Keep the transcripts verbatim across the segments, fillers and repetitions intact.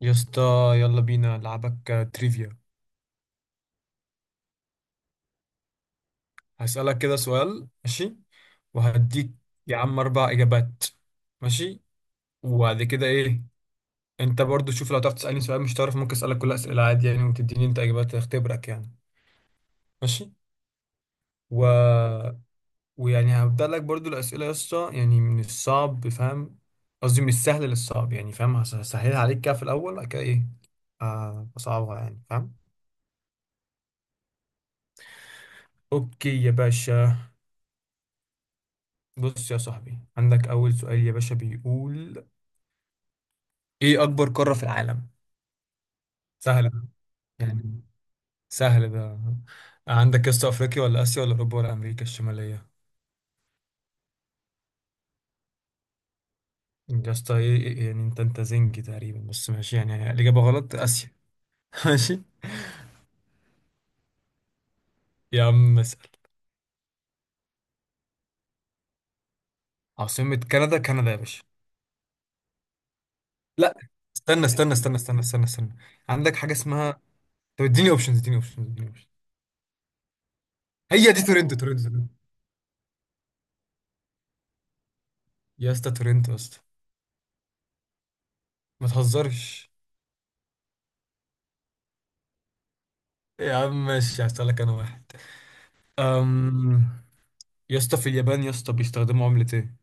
يا اسطى، يلا بينا لعبك تريفيا. هسألك كده سؤال، ماشي؟ وهديك يا عم أربع إجابات. ماشي؟ وبعد كده إيه؟ أنت برضو شوف لو تعرف تسألني سؤال مش تعرف، ممكن أسألك كل أسئلة عادي يعني، وتديني أنت إجابات تختبرك يعني. ماشي. و... ويعني هبدأ لك برضو الأسئلة يا اسطى، يعني من الصعب فاهم؟ قصدي من السهل للصعب، يعني فاهم؟ هس- هسهلها عليك كده في الأول، بعد كده إيه؟ آه، أصعبها، يعني فاهم؟ أوكي يا باشا. بص يا صاحبي، عندك أول سؤال يا باشا، بيقول إيه أكبر قارة في العالم؟ سهلة يعني، سهل ده. عندك يا اسطى أفريقيا ولا آسيا ولا أوروبا ولا أمريكا الشمالية؟ يا اسطى إيه إيه- يعني أنت أنت زنجي تقريبا، بس ماشي، يعني الإجابة غلط. آسيا. ماشي. يا عم اسأل. عاصمة كندا كندا يا باشا. لا. استنى استنى استنى استنى استنى استنى، عندك حاجة اسمها. طب اديني أوبشنز، اديني أوبشنز، اديني أوبشنز. هي دي تورنتو تورنتو تورنتو. يا اسطى تورنتو يا اسطى. ما تهزرش. يا عم ماشي، هسألك أنا واحد. أم... يا اسطى، في اليابان يا اسطى بيستخدموا عملة ايه؟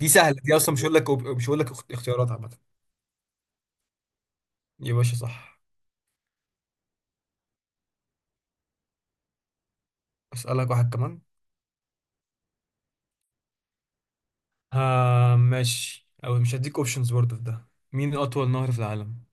دي سهلة، دي اصلا مش هقول لك أوب- مش هقول لك اخت- اختيارات عامة. يا باشا صح. اسألك واحد كمان. آه ماشي، او مش هديك اوبشنز برضه في ده. مين اطول نهر في العالم؟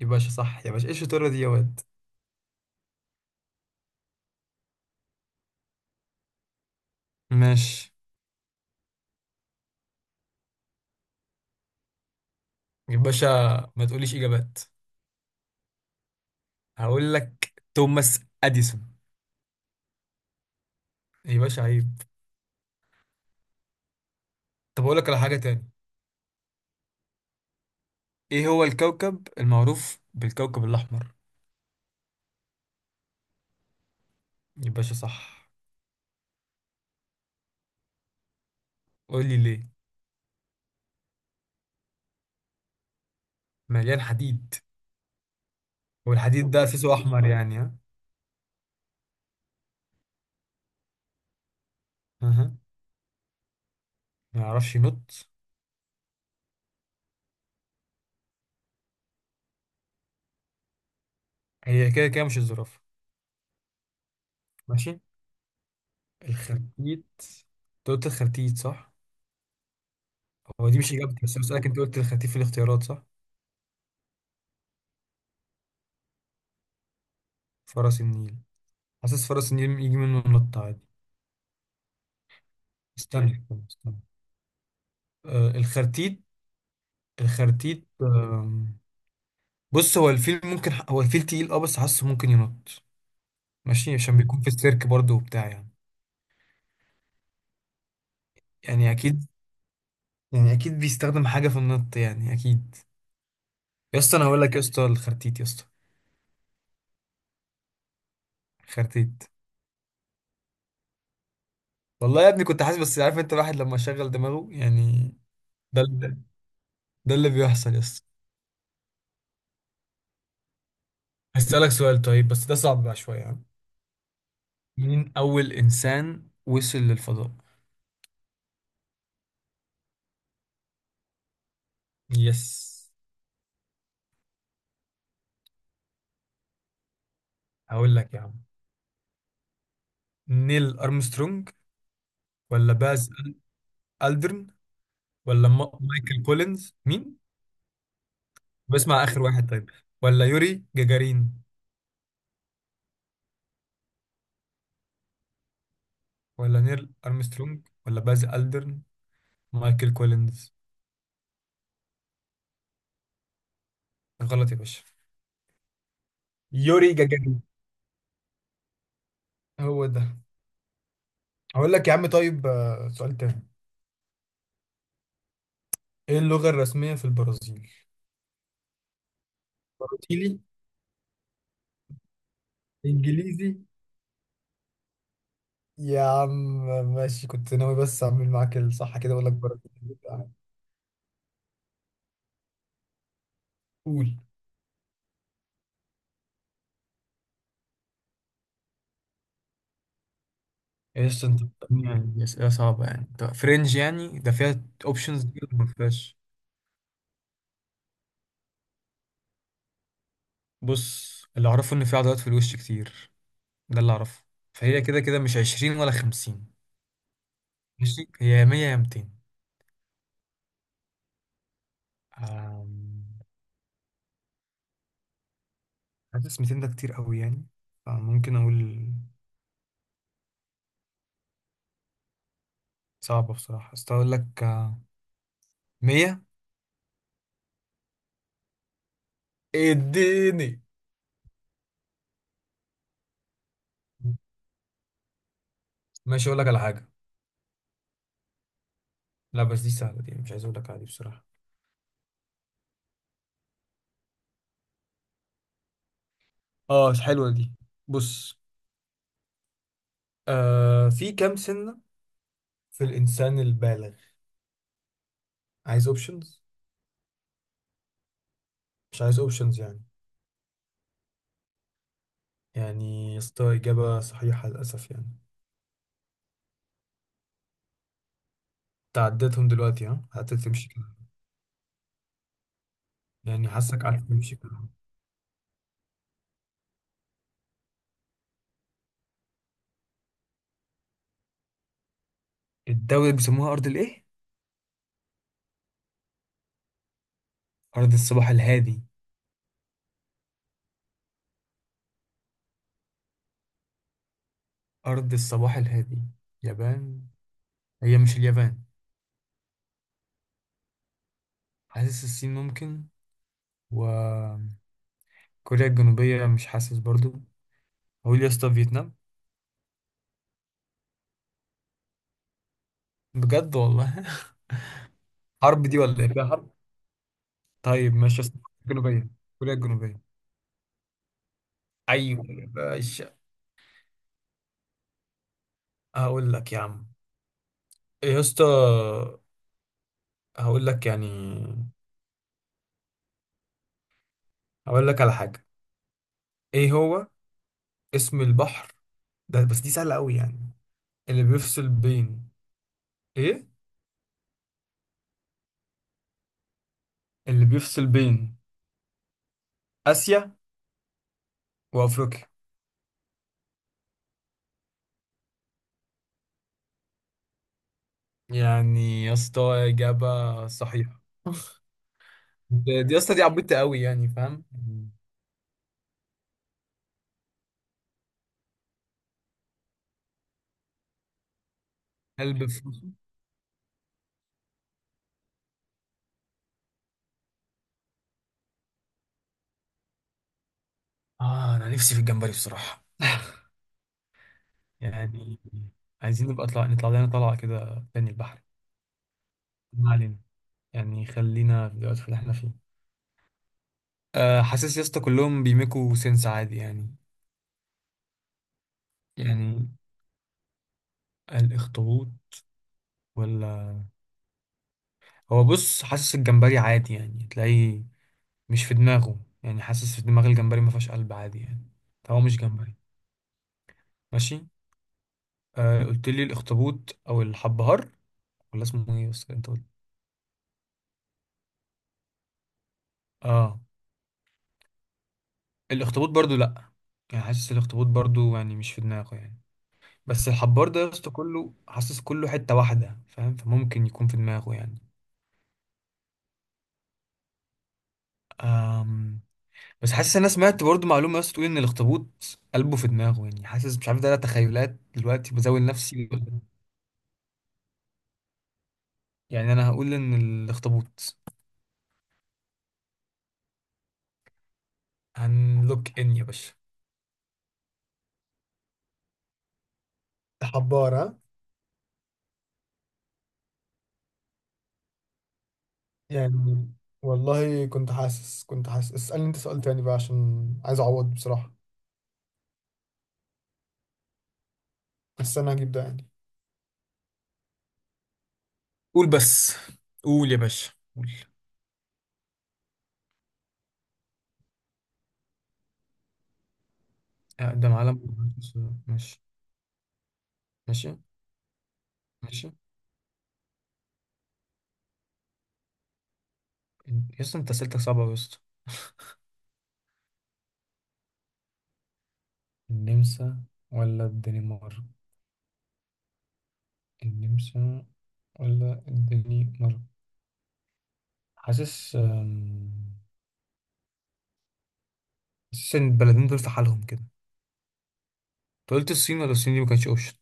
يا باشا صح يا باشا، ايش الشطارة دي يا واد؟ ماشي. يا باشا ما تقوليش اجابات. هقول لك توماس اديسون. يا باشا عيب. طب اقول لك على حاجة تاني. ايه هو الكوكب المعروف بالكوكب الاحمر؟ يا باشا صح. قول لي ليه؟ مليان حديد. والحديد ده اساسه احمر يعني ها. أها. ما يعرفش ينط. هي كده كده مش الزرافه. ماشي. الخرتيت. انت قلت الخرتيت صح؟ هو دي مش اجابتي، بس أنا بسالك، انت قلت الخرتيت في الاختيارات صح؟ فرس النيل. حاسس فرس النيل يجي منه النط عادي. استنى استنى، استنى. آه الخرتيت. الخرتيت. آم، بص هو الفيل، ممكن هو الفيل تقيل اه، بس حاسه ممكن ينط. ماشي، عشان بيكون في السيرك برضه وبتاع يعني. يعني اكيد. يعني اكيد بيستخدم حاجه في النط يعني اكيد. يا اسطى انا هقول لك يا اسطى الخرتيت يا اسطى. خرتيت. والله يا ابني كنت حاسس، بس عارف انت الواحد لما شغل دماغه يعني. ده ال- ده اللي بيحصل يا اسطى. هسألك سؤال طيب، بس ده صعب بقى شوية يعني. مين اول انسان وصل للفضاء؟ يس. هقول لك يا عم، نيل أرمسترونج ولا باز ألدرن ولا ما- مايكل كولينز مين؟ بسمع آخر واحد طيب. ولا يوري جاجارين ولا نيل أرمسترونج ولا باز ألدرن مايكل كولينز؟ غلط يا باشا. يوري جاجارين هو ده. هقول لك يا عم طيب، آه، سؤال تاني. ايه اللغة الرسمية في البرازيل؟ برازيلي. انجليزي. يا عم ماشي، كنت ناوي بس اعمل معاك الصح كده، اقول لك برازيلي. قول. ايش انت بتسألني يعني اسئله صعبه يعني؟ طب فرنج يعني، ده فيها اوبشنز دي ولا ما فيهاش؟ بص اللي اعرفه ان في عضلات في الوش كتير، ده اللي اعرفه. فهي كده كده مش عشرين ولا خمسين. ماشي، هي يا مية يا ميتين. أم، حاسس ميتين ده كتير قوي يعني، فممكن اقول. صعبة بصراحة، بس أقول لك مية. اديني. ماشي، اقول لك على حاجه. لا بس دي سهله دي، مش عايز اقول لك، عادي بصراحه. اه حلوه دي. بص، آه في كام سنه في الانسان البالغ؟ عايز اوبشنز؟ مش عايز اوبشنز يعني. يعني يا اسطى اجابه صحيحه للاسف يعني. تعديتهم دلوقتي، ها قعدت تمشي كده. يعني حاسك قعدت تمشي كده. الدولة اللي بيسموها أرض الإيه؟ أرض الصباح الهادي. أرض الصباح الهادي يابان. هي مش اليابان؟ حاسس الصين ممكن، وكوريا الجنوبية مش حاسس برضو. هقول يا اسطى فيتنام. بجد والله؟ حرب دي ولا ايه، فيها حرب؟ طيب ماشي يا اسطى، الجنوبية، كوريا الجنوبية. ايوه يا باشا. هقول لك يا عم. إيه يا اسطى، هقول لك يعني، هقول لك على حاجة. ايه هو اسم البحر ده؟ بس دي سهلة قوي يعني. اللي بيفصل بين ايه؟ اللي بيفصل بين آسيا وأفريقيا. يعني يا اسطى إجابة صحيحة. ده- دي يا اسطى دي عبيطه قوي يعني فاهم. مم. قلب فلوسه. اه انا نفسي في الجمبري بصراحه يعني. عايزين نبقى طلع... نطلع لنا طلعه كده تاني البحر. ما علينا، يعني خلينا في الوقت اللي احنا فيه. آه حاسس يا اسطى كلهم بيميكوا سنس عادي يعني. يعني الاخطبوط ولا. هو بص، حاسس الجمبري عادي يعني تلاقيه مش في دماغه يعني، حاسس في دماغ الجمبري ما فيهاش قلب عادي يعني. فهو مش جمبري. ماشي. آه قلت لي الاخطبوط او الحبهار، ولا اسمه ايه بس انت؟ اه. الاخطبوط برضو لا. يعني حاسس الاخطبوط برضو يعني مش في دماغه يعني. بس الحبار ده يا اسطى كله، حاسس كله حتة واحدة فاهم، فممكن يكون في دماغه يعني. أم. بس حاسس انا سمعت برضو معلومة يا اسطى، تقول ان الاخطبوط قلبه في دماغه، يعني حاسس مش عارف ده، لا تخيلات دلوقتي بزاول نفسي ولا- يعني انا هقول ان الاخطبوط. هنلوك ان يا باشا. حبار ها. يعني والله كنت حاسس، كنت حاسس. اسألني انت سؤال تاني بقى، عشان عايز اعوض بصراحة. بس انا هجيب ده يعني. قول بس. قول يا باشا. قول. أقدم علم. ماشي. ماشي. ماشي. يا اسطى أنت أسئلتك صعبة أوي يا اسطى. النمسا ولا الدنمارك؟ النمسا ولا الدنمارك؟ حاسس، أم، حاسس إن البلدين دول في حالهم كده. أنت قلت الصين، ولا الصين دي ما كانتش أوبشن؟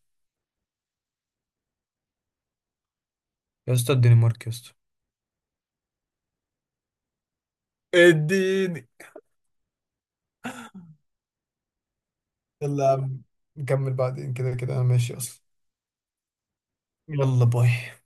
يا اسطى الدنمارك يا اسطى. اديني. يلا يا عم، نكمل بعدين، كده كده أنا ماشي أصلا. يلا باي.